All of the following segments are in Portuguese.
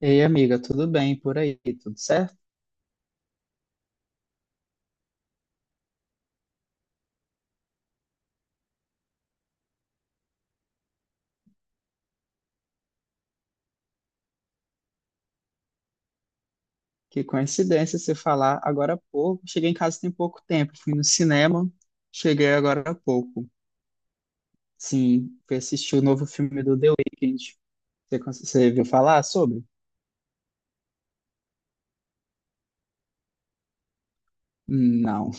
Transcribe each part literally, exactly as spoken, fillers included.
Ei, amiga, tudo bem por aí? Tudo certo? Que coincidência você falar agora há pouco. Cheguei em casa tem pouco tempo, fui no cinema, cheguei agora há pouco. Sim, fui assistir o novo filme do The Weeknd. Você, cons- você viu falar sobre? Não.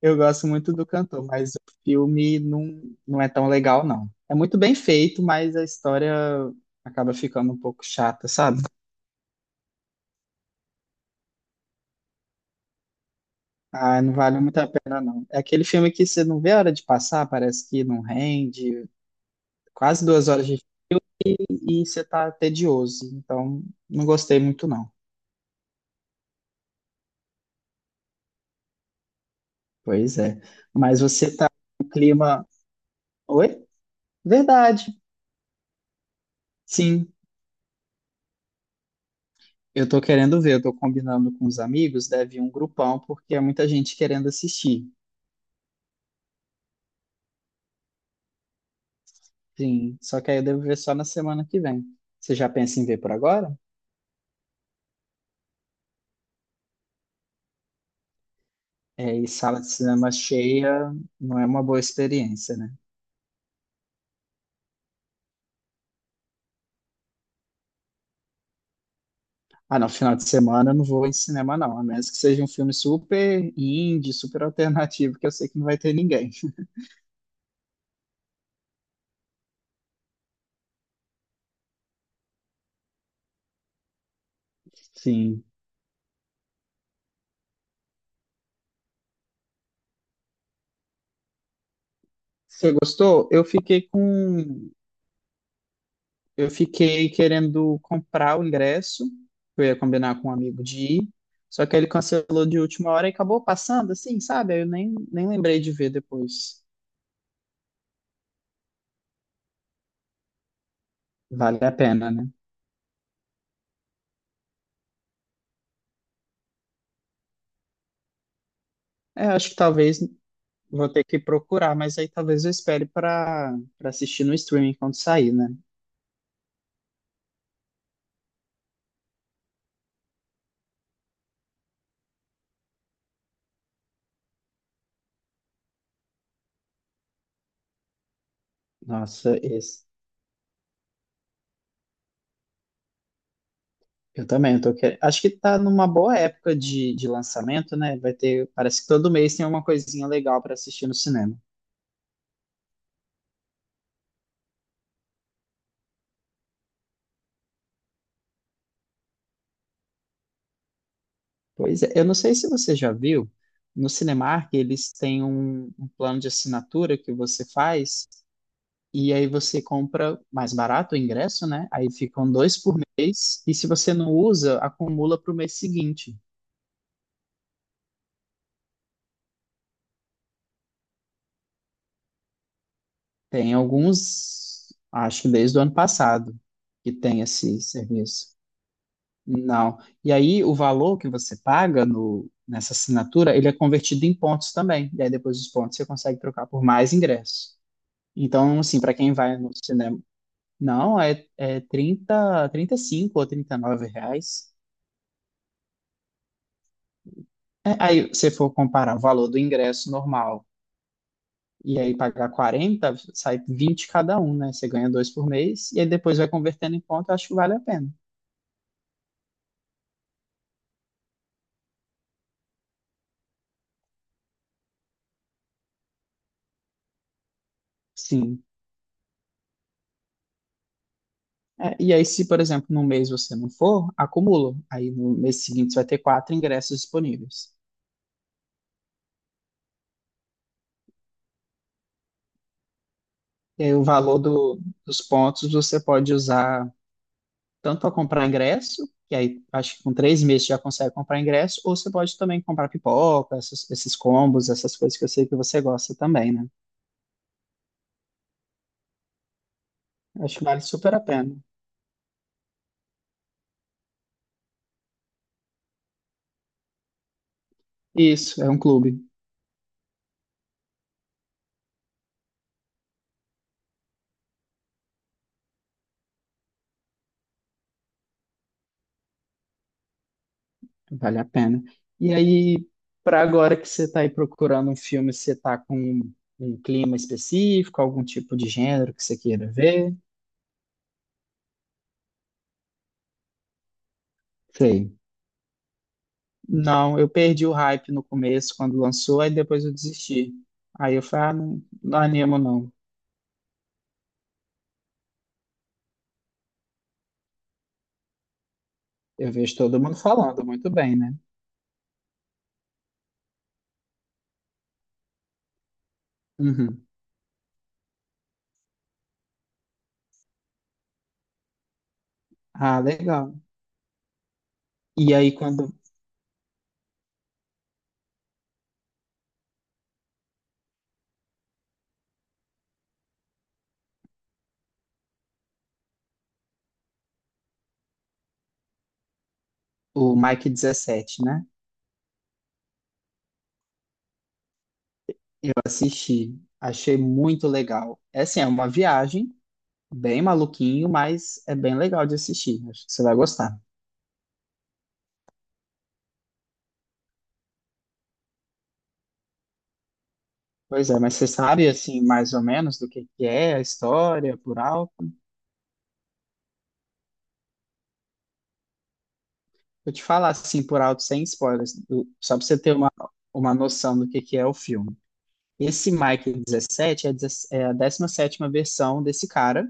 Eu gosto muito do cantor, mas o filme não, não é tão legal, não. É muito bem feito, mas a história acaba ficando um pouco chata, sabe? Ah, não vale muito a pena, não. É aquele filme que você não vê a hora de passar, parece que não rende, quase duas horas de filme e você tá tedioso. Então, não gostei muito, não. Pois é. Mas você tá no clima. Oi? Verdade. Sim, eu tô querendo ver, eu tô combinando com os amigos, deve ir um grupão, porque é muita gente querendo assistir. Sim, só que aí eu devo ver só na semana que vem. Você já pensa em ver por agora? É, e sala de cinema cheia não é uma boa experiência, né? Ah, não, final de semana eu não vou em cinema, não. A menos que seja um filme super indie, super alternativo, que eu sei que não vai ter ninguém. Sim. Você gostou? Eu fiquei com. Eu fiquei querendo comprar o ingresso, que eu ia combinar com um amigo de ir, só que ele cancelou de última hora e acabou passando, assim, sabe? Aí Eu nem, nem lembrei de ver depois. Vale a pena, né? É, acho que talvez vou ter que procurar, mas aí talvez eu espere para para assistir no streaming quando sair, né? Nossa, esse. Eu também, eu tô querendo. Acho que tá numa boa época de, de lançamento, né? Vai ter, parece que todo mês tem uma coisinha legal para assistir no cinema. Pois é, eu não sei se você já viu, no Cinemark eles têm um, um plano de assinatura que você faz e aí você compra mais barato o ingresso, né? Aí ficam dois por mês e se você não usa, acumula para o mês seguinte. Tem alguns, acho que desde o ano passado, que tem esse serviço. Não. E aí, o valor que você paga no, nessa assinatura, ele é convertido em pontos também. E aí, depois dos pontos, você consegue trocar por mais ingressos. Então, assim, para quem vai no cinema, não, é, é trinta, trinta e cinco ou trinta e nove reais. É, aí, se for comparar o valor do ingresso normal e aí pagar quarenta sai vinte cada um, né? Você ganha dois por mês e aí depois vai convertendo em ponto, eu acho que vale a pena. Sim. É, e aí, se, por exemplo, num mês você não for, acumula. Aí no mês seguinte você vai ter quatro ingressos disponíveis. E aí o valor do- dos pontos você pode usar tanto para comprar ingresso, que aí acho que com três meses você já consegue comprar ingresso, ou você pode também comprar pipoca, esses, esses combos, essas coisas que eu sei que você gosta também, né? Acho que vale super a pena. Isso, é um clube. Vale a pena. E aí, para agora que você está aí procurando um filme, você está com um um clima específico, algum tipo de gênero que você queira ver? Sei. Não, eu perdi o hype no começo, quando lançou, aí depois eu desisti. Aí eu falei, ah, não, não animo não. Eu vejo todo mundo falando muito bem, né? Uhum. Ah, legal. E aí, quando o Mike dezessete né? Eu assisti, achei muito legal. É assim, é uma viagem, Bem maluquinho, mas é bem legal de assistir. Acho que você vai gostar. Pois é, mas você sabe, assim, mais ou menos do que que é a história por alto? Vou te falar, assim, por alto, sem spoilers, do- só para você ter uma, uma noção do que que é o filme. Esse Mike dezessete é, deze- é a décima sétima versão desse cara,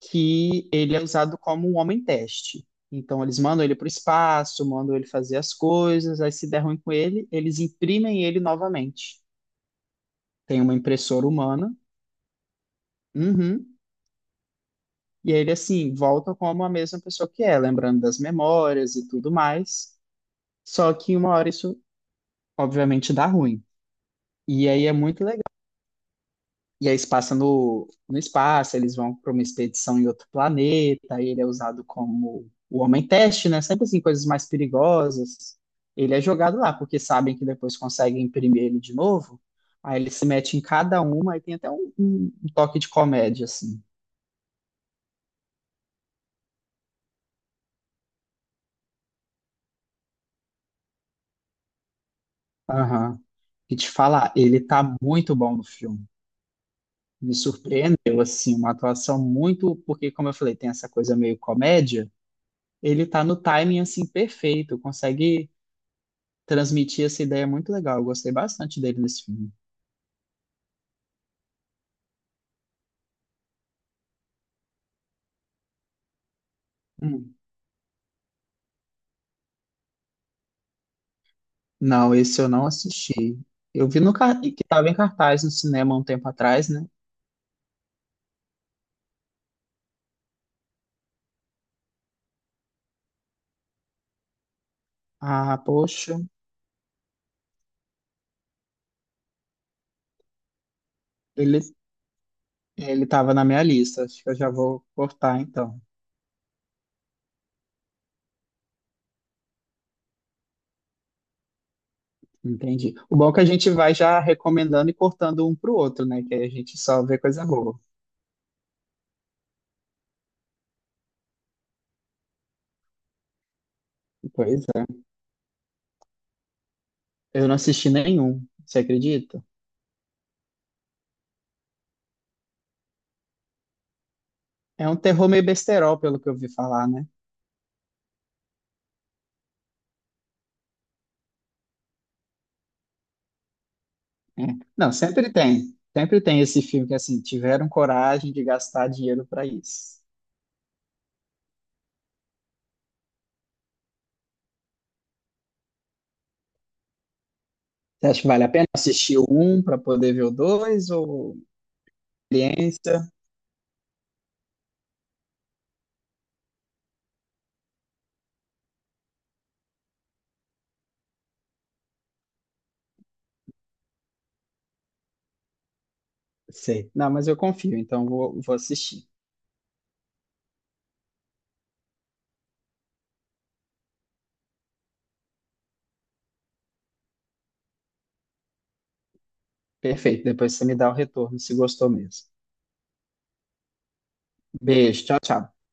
que ele é usado como um homem-teste. Então, eles mandam ele para o espaço, mandam ele fazer as coisas, aí se der ruim com ele, eles imprimem ele novamente. Tem uma impressora humana, Uhum. E ele, assim, volta como a mesma pessoa que é, lembrando das memórias e tudo mais. Só que uma hora isso, obviamente, dá ruim. E aí é muito legal. E aí se passa no, no espaço, eles vão para uma expedição em outro planeta, aí ele é usado como o homem-teste, né? Sempre assim, coisas mais perigosas. Ele é jogado lá, porque sabem que depois conseguem imprimir ele de novo. Aí ele se mete em cada uma, aí tem até um, um um toque de comédia, assim. Aham. E te falar, ele tá muito bom no filme. me surpreendeu, assim, uma atuação muito, porque, como eu falei, tem essa coisa meio comédia, ele tá no timing, assim, perfeito, consegue transmitir essa ideia muito legal, eu gostei bastante dele nesse filme. Hum. Não, esse eu não assisti. Eu vi no car- que tava em cartaz no cinema um tempo atrás, né? Ah, poxa, ele, ele tava na minha lista, acho que eu já vou cortar, então. Entendi. O bom é que a gente vai já recomendando e cortando um pro outro, né? Que aí a gente só vê coisa boa. Pois Eu não assisti nenhum, você acredita? É um terror meio besterol, pelo que eu ouvi falar, né? É. Não, sempre tem. Sempre tem esse filme que, assim, tiveram coragem de gastar dinheiro para isso. Você acha que vale a pena assistir o um para poder ver o dois ou experiência? Sei. Não, mas eu confio, então vou, vou assistir. Perfeito, depois você me dá o retorno, se gostou mesmo. Beijo, tchau, tchau.